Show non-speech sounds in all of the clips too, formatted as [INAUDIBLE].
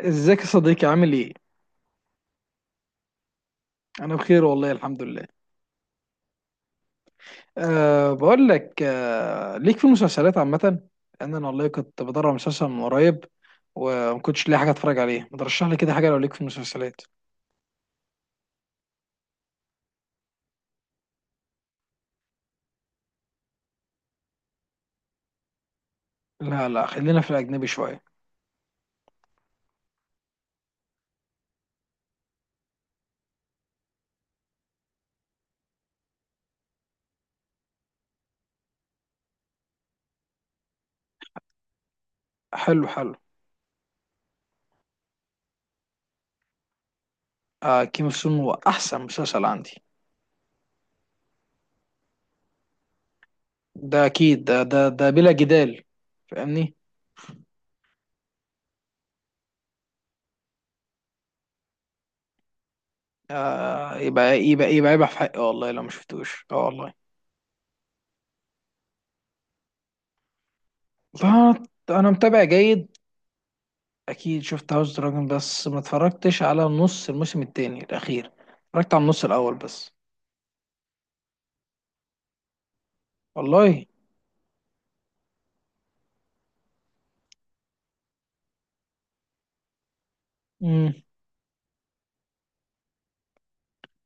ازيك يا صديقي، عامل ايه؟ انا بخير والله، الحمد لله. بقول لك، ليك في المسلسلات عامة؟ لان انا والله كنت بدور على مسلسل من قريب وما كنتش لاقي حاجة اتفرج عليه. ما ترشح لي كده حاجة لو ليك في المسلسلات. لا لا، خلينا في الاجنبي شوية. حلو حلو. أه، كيم اوف سون هو احسن مسلسل عندي. ده اكيد، ده بلا جدال، فاهمني؟ آه، يبقى في حقي والله لو ما شفتوش. اه والله. فانا متابع جيد. اكيد شفت هاوس دراجون بس ما اتفرجتش على نص الموسم التاني الاخير، اتفرجت على النص الاول بس. والله. امم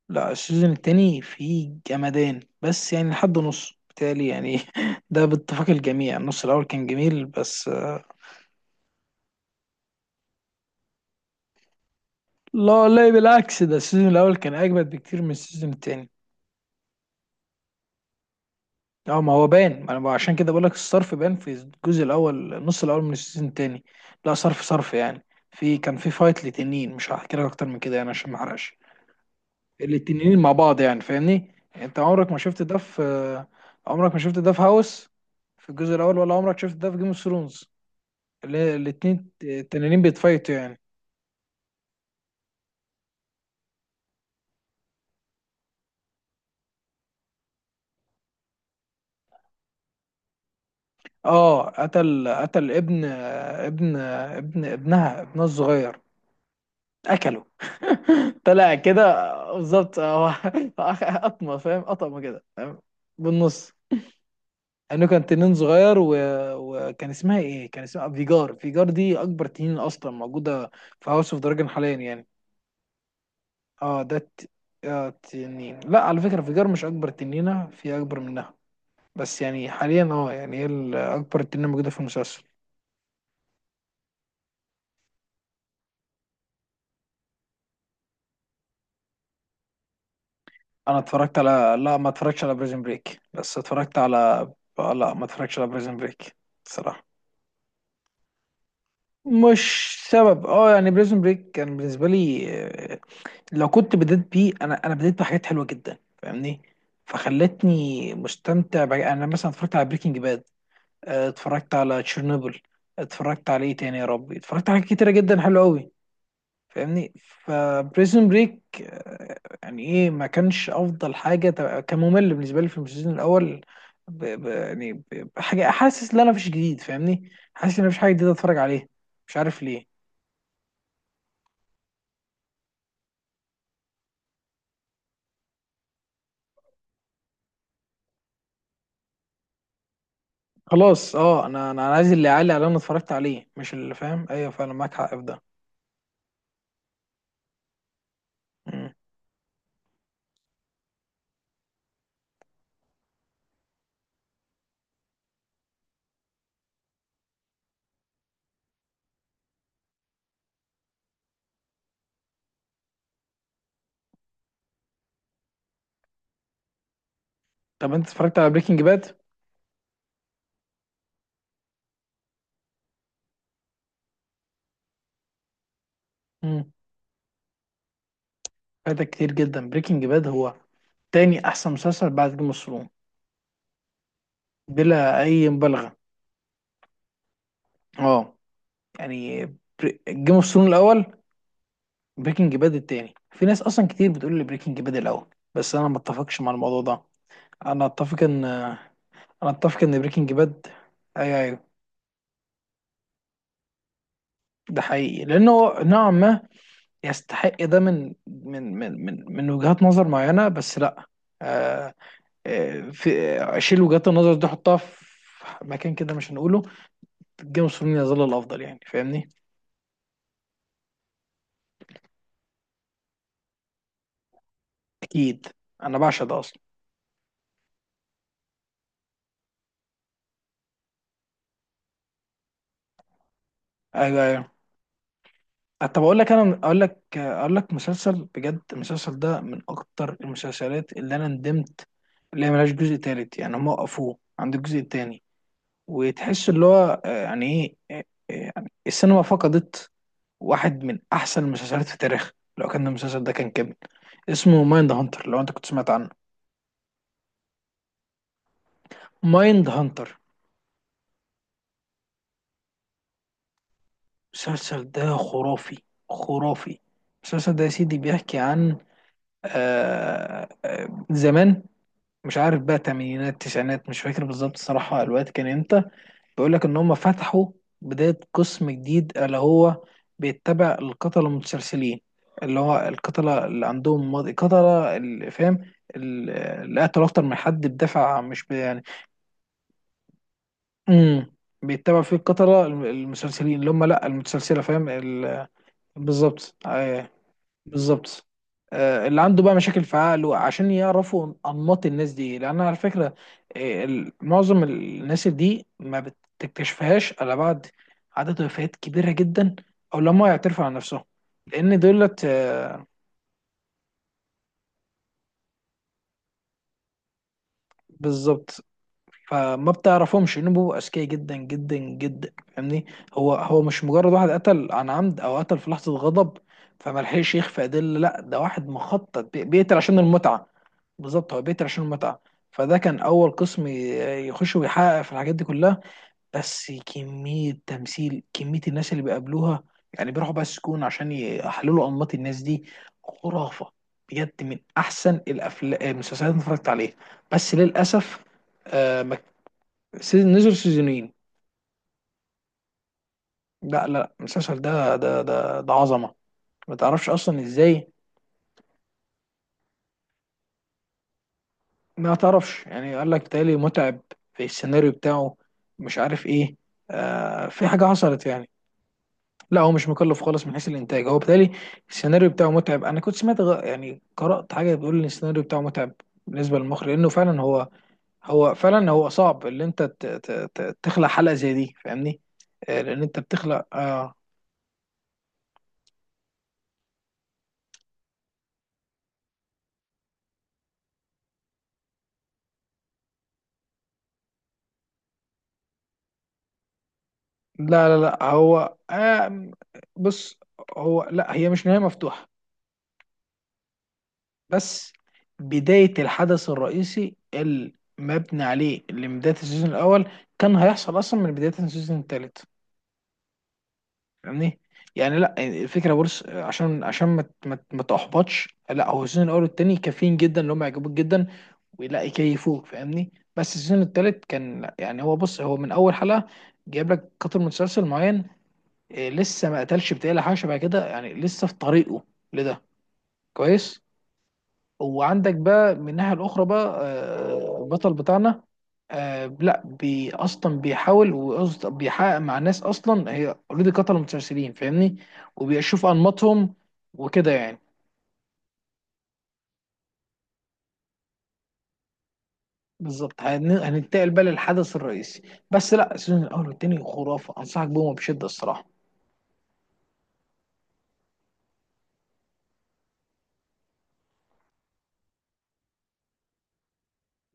لا، السيزون التاني فيه جمدان بس يعني لحد نص بالتالي يعني [LAUGHS] ده باتفاق الجميع، النص الاول كان جميل بس. لا لا، بالعكس، ده السيزون الاول كان اجمد بكتير من السيزون التاني. اه، ما هو باين، ما انا عشان كده بقول لك الصرف باين في الجزء الاول، النص الاول من السيزون التاني. لا، صرف صرف يعني. كان في فايت لتنين، مش هحكي لك اكتر من كده يعني عشان ما احرقش. الاتنين مع بعض يعني، فاهمني؟ انت عمرك ما شفت ده في... هاوس، في الجزء الاول، ولا عمرك شفت ده في جيم اوف ثرونز؟ الاتنين التنانين بيتفايتوا يعني. اه، قتل ابنها الصغير. اكله. [LAUGHS] طلع كده بالظبط هو. [LAUGHS] قطمه، فاهم؟ قطمه كده، فاهم؟ بالنص. انه كان تنين صغير. و... وكان اسمها ايه؟ كان اسمها فيجار. فيجار دي اكبر تنين اصلا موجوده في هاوس اوف دراجون حاليا يعني. اه ده الت... آه تنين، لا، على فكره فيجار مش اكبر تنينه، في اكبر منها. بس يعني حاليا يعني هي اكبر تنينه موجوده في المسلسل. انا اتفرجت على لا، ما اتفرجتش على بريزن بريك، بس اتفرجت على آه، لا، ما اتفرجتش على بريزن بريك صراحه. مش سبب، يعني بريزن بريك كان بالنسبه لي، لو كنت بديت بيه، انا بديت بحاجات حلوه جدا، فاهمني، فخلتني مستمتع بقى. انا مثلا اتفرجت على بريكنج باد، اتفرجت على تشيرنوبل، اتفرجت على ايه تاني يا ربي، اتفرجت على حاجات كتيره جدا حلوه قوي، فاهمني؟ فبريزن بريك يعني ايه؟ ما كانش افضل حاجه كان ممل بالنسبه لي في السيزون الاول. ب... ب... يعني ب... بحاجه، حاسس ان انا مفيش جديد، فاهمني، حاسس ان مفيش حاجه جديده اتفرج عليها، مش عارف ليه. خلاص، انا عايز اللي يعلي على اللي انا اتفرجت عليه مش اللي فاهم. ايوه فعلا، معاك حق في ده. مم. طب انت اتفرجت على بريكنج باد؟ امم فاتك كتير جدا، بريكنج باد هو تاني احسن مسلسل بعد جيم اوف ثرونز، بلا اي مبالغه. اه يعني جيم اوف ثرونز الاول، بريكنج باد التاني. في ناس اصلا كتير بتقول لي بريكنج باد الاول، بس انا ما اتفقش مع الموضوع ده. انا اتفق ان، بريكنج باد، ايوه ايوه، ده حقيقي لانه نوعا ما يستحق ده من وجهات نظر معينة، بس لا. آه آه، في اشيل وجهات النظر دي، احطها في مكان كده مش هنقوله. جيم اوف ثرونز يظل الافضل يعني، فاهمني؟ اكيد، انا بعشق ده اصلا. ايوه ايوه. طب اقول لك، اقول لك مسلسل بجد. المسلسل ده من اكتر المسلسلات اللي انا ندمت، اللي هي ملهاش جزء تالت، يعني هم وقفوه عند الجزء التاني. وتحس اللي هو، يعني ايه، يعني السينما فقدت واحد من احسن المسلسلات في التاريخ لو كان المسلسل ده كان كامل. اسمه مايند هانتر، لو انت كنت سمعت عنه. مايند هانتر. المسلسل ده خرافي، خرافي. المسلسل ده يا سيدي بيحكي عن، زمان، مش عارف بقى، تمانينات تسعينات، مش فاكر بالظبط الصراحة الوقت كان امتى. بيقول لك ان هم فتحوا بداية قسم جديد، اللي هو بيتبع القتلة المتسلسلين، اللي هو القتلة اللي عندهم ماضي قتلة، اللي فاهم، اللي قتلوا اكتر من حد بدافع، مش يعني. امم بيتبع فيه القتلة المسلسلين اللي هم، لا، المتسلسلة، فاهم بالظبط. بالظبط. اللي عنده بقى مشاكل في عقله عشان يعرفوا انماط الناس دي، لان على فكره معظم الناس دي ما بتكتشفهاش الا بعد عدد وفيات كبيره جدا، او لما يعترفوا عن نفسهم، لان دولت، بالظبط، فما بتعرفهمش لأنهم بيبقوا اذكياء جدا جدا جدا، فاهمني؟ هو مش مجرد واحد قتل عن عمد او قتل في لحظه غضب فما لحقش يخفي ادله، لا ده واحد مخطط، بيقتل عشان المتعه. بالظبط، هو بيقتل عشان المتعه. فده كان اول قسم يخش ويحقق في الحاجات دي كلها. بس كميه تمثيل، كميه الناس اللي بيقابلوها، يعني بيروحوا بقى السجون عشان يحللوا انماط الناس دي، خرافه. بجد من احسن الافلام، المسلسلات اللي اتفرجت عليها. بس للاسف. آه، ما سيزن نزل سيزونين. لا لا، المسلسل ده عظمة، ما تعرفش أصلا إزاي. ما تعرفش، يعني قال لك تالي متعب في السيناريو بتاعه، مش عارف إيه، في حاجة حصلت يعني. لا، هو مش مكلف خالص من حيث الإنتاج، هو بالتالي السيناريو بتاعه متعب. أنا كنت سمعت، يعني قرأت حاجة بتقول إن السيناريو بتاعه متعب بالنسبة للمخرج، لأنه فعلا هو صعب اللي أنت تخلق حلقة زي دي، فاهمني؟ لأن أنت بتخلق. لا لا لا، هو آم، بص، لا، هي مش نهاية مفتوحة. بس بداية الحدث الرئيسي المبني عليه اللي من بداية السيزون الأول كان هيحصل أصلا من بداية السيزون التالت، فاهمني؟ يعني لا، الفكرة، بص، عشان ما تحبطش. لا، هو السيزون الأول والتاني كافيين جدا إن هم يعجبوك جدا ولا يكيفوك، فاهمني؟ بس السيزون التالت كان، لا يعني، بص هو من أول حلقة جايب لك قاتل متسلسل معين. إيه، لسه ما قتلش، بتقل حاجه شبه كده يعني، لسه في طريقه لده، كويس. وعندك بقى من الناحيه الاخرى بقى، البطل بتاعنا، لا، بي اصلا بيحاول، بيحقق مع ناس اصلا هي اوريدي قتلوا متسلسلين، فاهمني، وبيشوف انماطهم وكده يعني. بالظبط، هننتقل بقى للحدث الرئيسي. بس لا، السيزون الاول والتاني خرافه، انصحك بيهم بشده الصراحه.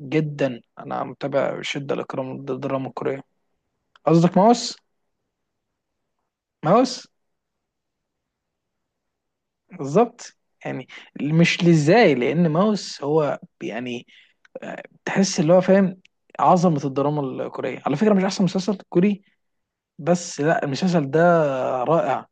جدا، انا متابع بشده الاكرام الدراما الكوريه. قصدك ماوس؟ ماوس. بالظبط يعني. مش لازاي، لان ماوس هو يعني، تحس اللي هو، فاهم؟ عظمه الدراما الكوريه، على فكره مش احسن مسلسل كوري، بس لا، المسلسل ده رائع.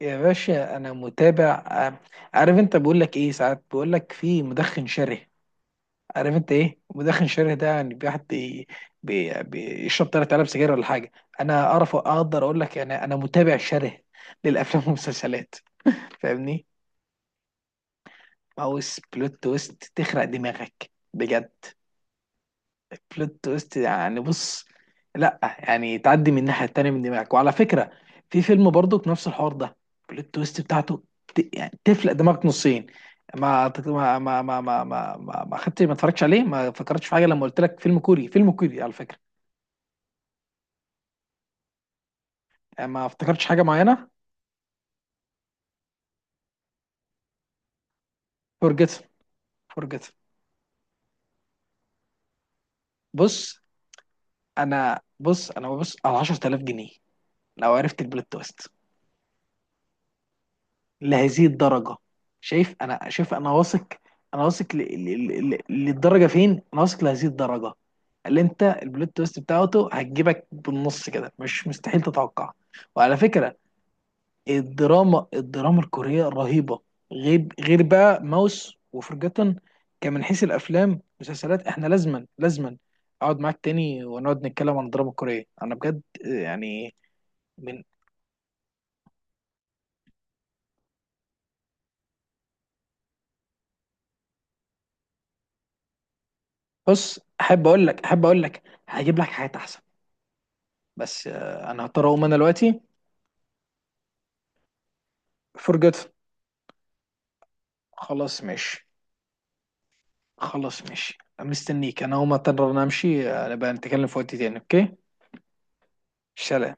يا باشا، انا متابع، عارف انت بقول لك ايه؟ ساعات بقول لك في مدخن شره. عارف انت ايه مدخن شره ده يعني؟ بيحط، بيشرب تلات علب سجاير ولا حاجه. انا اعرف، اقدر اقول لك يعني انا متابع شره للافلام والمسلسلات، فاهمني؟ ماوس بلوت تويست، تخرق دماغك بجد. بلوت تويست يعني، بص، لا يعني تعدي من الناحية التانية من دماغك. وعلى فكرة، في فيلم برضو نفس الحوار ده، بلوت تويست بتاعته، ت... يعني تفلق دماغك نصين. ما تت- ما ما ما ما ما ما, ما خدت، ما اتفرجتش عليه، ما فكرتش في حاجة لما قلت لك فيلم كوري. فيلم كوري، على فكرة، يعني ما افتكرتش حاجة معينة. فورجيت، فورجيت. بص، انا ببص على 10000 جنيه لو عرفت البلوت تويست لهذه الدرجة. شايف؟ انا واثق، انا واثق، للدرجة فين؟ انا واثق لهذه الدرجة اللي انت البلوت تويست بتاعته هتجيبك بالنص كده، مش مستحيل تتوقع. وعلى فكرة، الدراما الكورية رهيبة. غير بقى ماوس وفرجتن، كان من حيث الافلام، مسلسلات، احنا لازما لازما اقعد معاك تاني ونقعد نتكلم عن الدراما الكورية انا بجد يعني. من بص، احب اقول لك هجيب لك حاجات احسن. بس انا هضطر اقوم انا دلوقتي. فرجت. خلاص ماشي. خلاص ماشي، مستنيك. انا هقوم اضطر، أنا امشي. نبقى نتكلم في وقت تاني، اوكي. سلام.